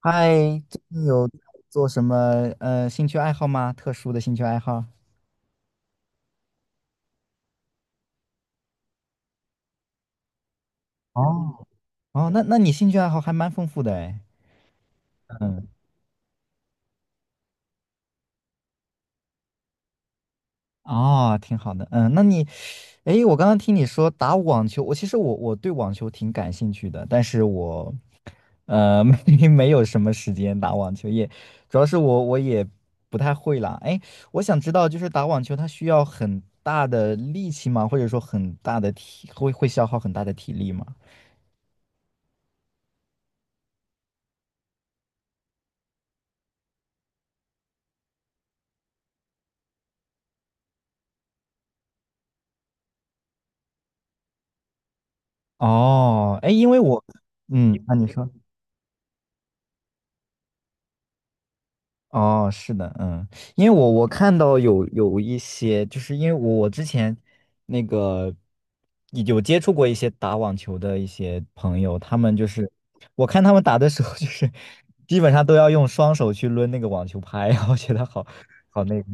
嗨，最近有做什么兴趣爱好吗？特殊的兴趣爱好？哦哦，那你兴趣爱好还蛮丰富的哎。嗯，哦，挺好的。嗯，那你，诶，我刚刚听你说打网球，我其实我对网球挺感兴趣的，但是我没有什么时间打网球，也主要是我也不太会啦。诶，我想知道就是打网球它需要很大的力气吗？或者说很大的会消耗很大的体力吗？哦，哎，因为我，嗯，那你说，哦，是的，嗯，因为我看到有一些，就是因为我之前那个有接触过一些打网球的一些朋友，他们就是我看他们打的时候，就是基本上都要用双手去抡那个网球拍，我觉得好那个，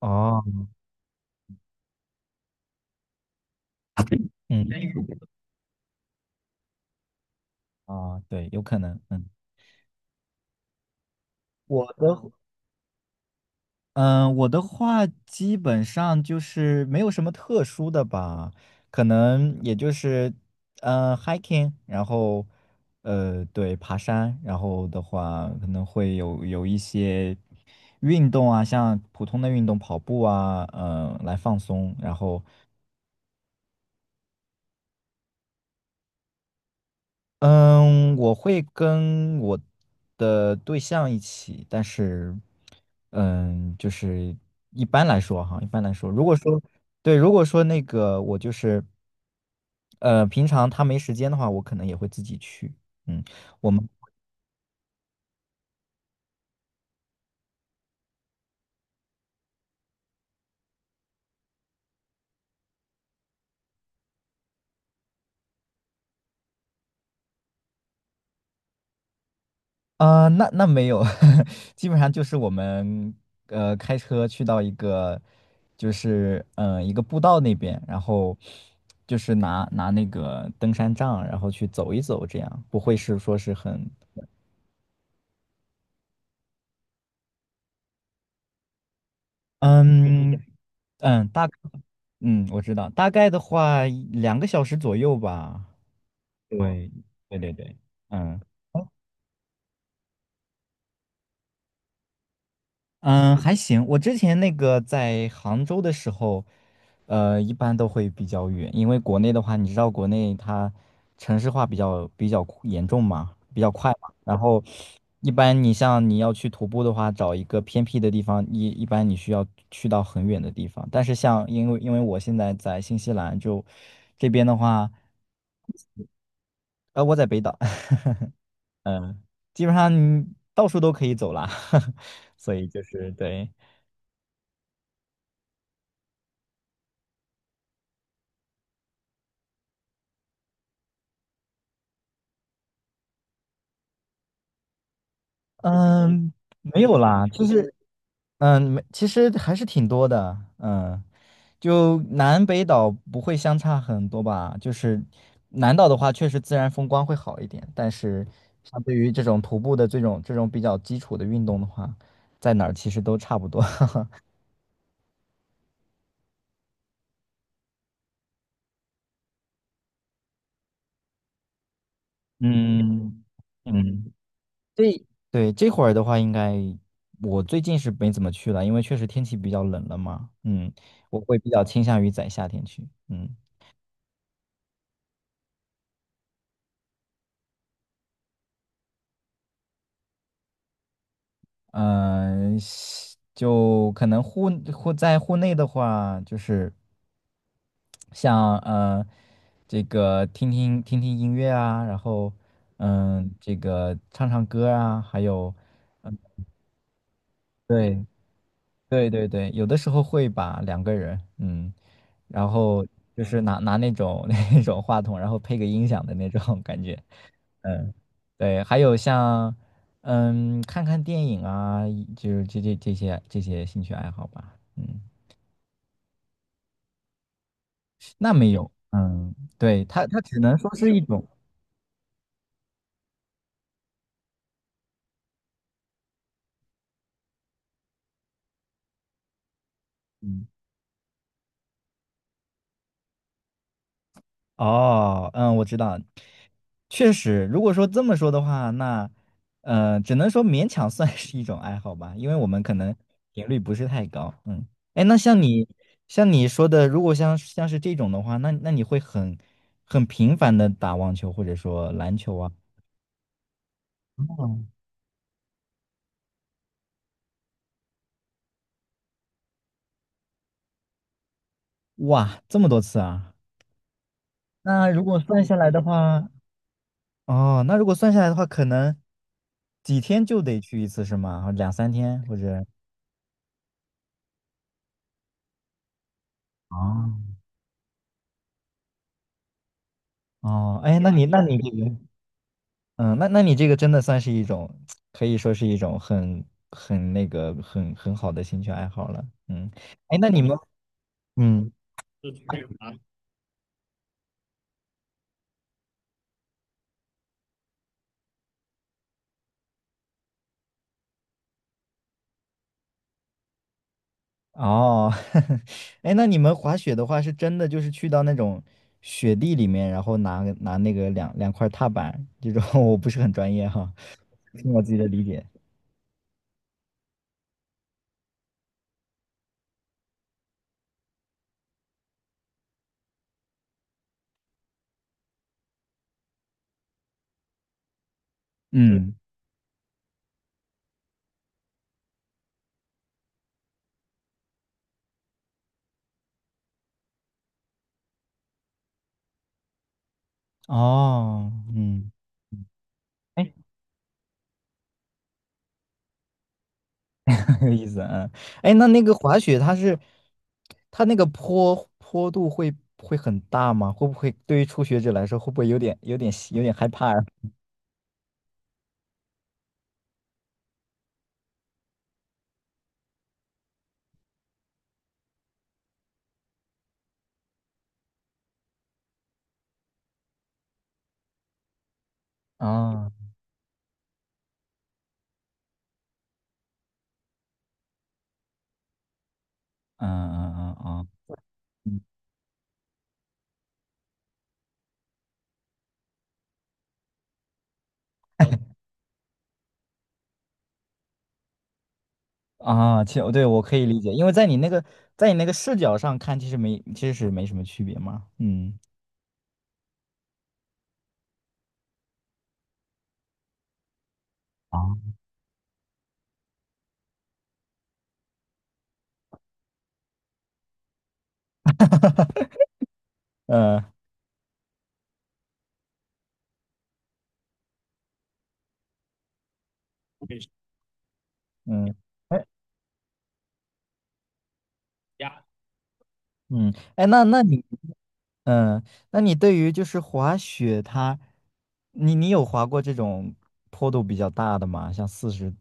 哦，嗯，啊，对，有可能，嗯，我的。嗯，我的话基本上就是没有什么特殊的吧，可能也就是，hiking，然后，对，爬山，然后的话可能会有一些运动啊，像普通的运动，跑步啊，来放松，然后嗯，我会跟我的对象一起，但是，嗯，就是一般来说，如果说对，如果说我就是，平常他没时间的话，我可能也会自己去。嗯，我们。啊，那没有，基本上就是我们开车去到一个，就是一个步道那边，然后就是拿那个登山杖，然后去走一走，这样不会是说是很嗯嗯嗯大嗯我知道，大概的话2个小时左右吧，对对对对，嗯。嗯，还行。我之前那个在杭州的时候，一般都会比较远，因为国内的话，你知道国内它城市化比较酷严重嘛，比较快嘛。然后一般像你要去徒步的话，找一个偏僻的地方，一般你需要去到很远的地方。但是像因为我现在在新西兰就这边的话，我在北岛，嗯，基本上你到处都可以走啦，所以就是对。嗯，没有啦，就嗯是嗯，没其实还是挺多的，嗯，就南北岛不会相差很多吧？就是南岛的话，确实自然风光会好一点，但是相对于这种徒步的这种比较基础的运动的话，在哪儿其实都差不多。嗯嗯，这对这会儿的话，应该我最近是没怎么去了，因为确实天气比较冷了嘛。嗯，我会比较倾向于在夏天去。嗯。嗯，就可能户在户内的话，就是像这个听听音乐啊，然后这个唱唱歌啊，还有对对对对，有的时候会把2个人，嗯，然后就是拿那种 那种话筒，然后配个音响的那种感觉，嗯，对，还有像看看电影啊，就是这些兴趣爱好吧，嗯，那没有，嗯，对，它只能说是一种。嗯。哦，嗯，我知道，确实，如果说这么说的话，那，只能说勉强算是一种爱好吧，因为我们可能频率不是太高，嗯，哎，那像你，像你说的，如果像是这种的话，那你会很频繁的打网球或者说篮球啊？嗯哇，这么多次啊！那如果算下来的话，哦，那如果算下来的话，可能几天就得去一次是吗？两三天或者？哦哦，哎，那你这个，嗯，那你这个真的算是一种，可以说是一种很很好的兴趣爱好了，嗯，哎，那你们，嗯，哦，哎，那你们滑雪的话，是真的就是去到那种雪地里面，然后拿那个两块踏板这种，我不是很专业哈，凭我自己的理解，嗯，哦，嗯。哎。有意思啊。哎，那那个滑雪它是它那个坡度会很大吗？会不会对于初学者来说，会不会有点害怕呀？啊，嗯嗯嗯嗯。嗯啊，其实对我可以理解，因为在你那个视角上看，其实是没什么区别嘛。嗯，啊，呃，嗯，哎，嗯，哎，那你嗯，那你对于就是滑雪它，你有滑过这种坡度比较大的吗？像40，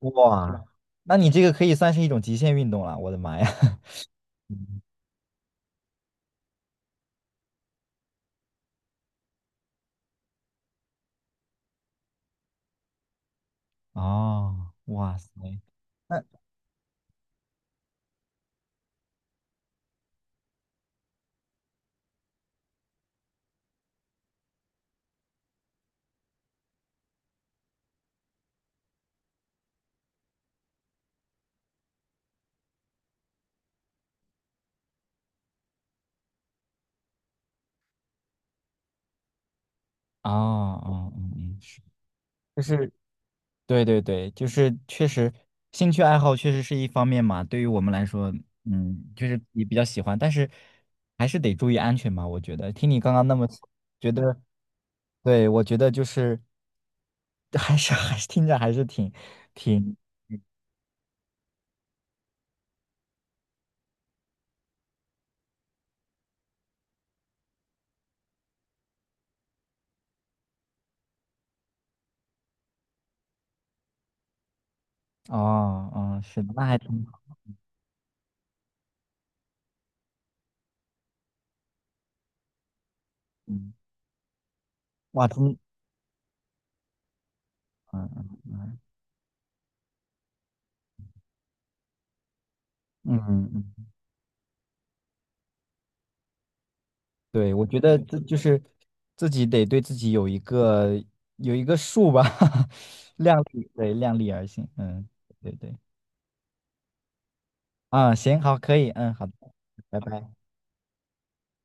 哇，那你这个可以算是一种极限运动了。我的妈呀！哦，哇塞，那哦哦嗯嗯，是。就是对对对，就是确实，兴趣爱好确实是一方面嘛。对于我们来说，嗯，就是也比较喜欢，但是还是得注意安全吧。我觉得，听你刚刚那么说觉得，对，我觉得就是 还是听着还是挺哦，嗯，是的，那还挺好，嗯，哇，嗯嗯嗯嗯嗯。嗯对，我觉得这就是自己得对自己有一个数吧，量力，对，量力而行，嗯，对对，啊，行，好，可以，嗯，好的，拜拜。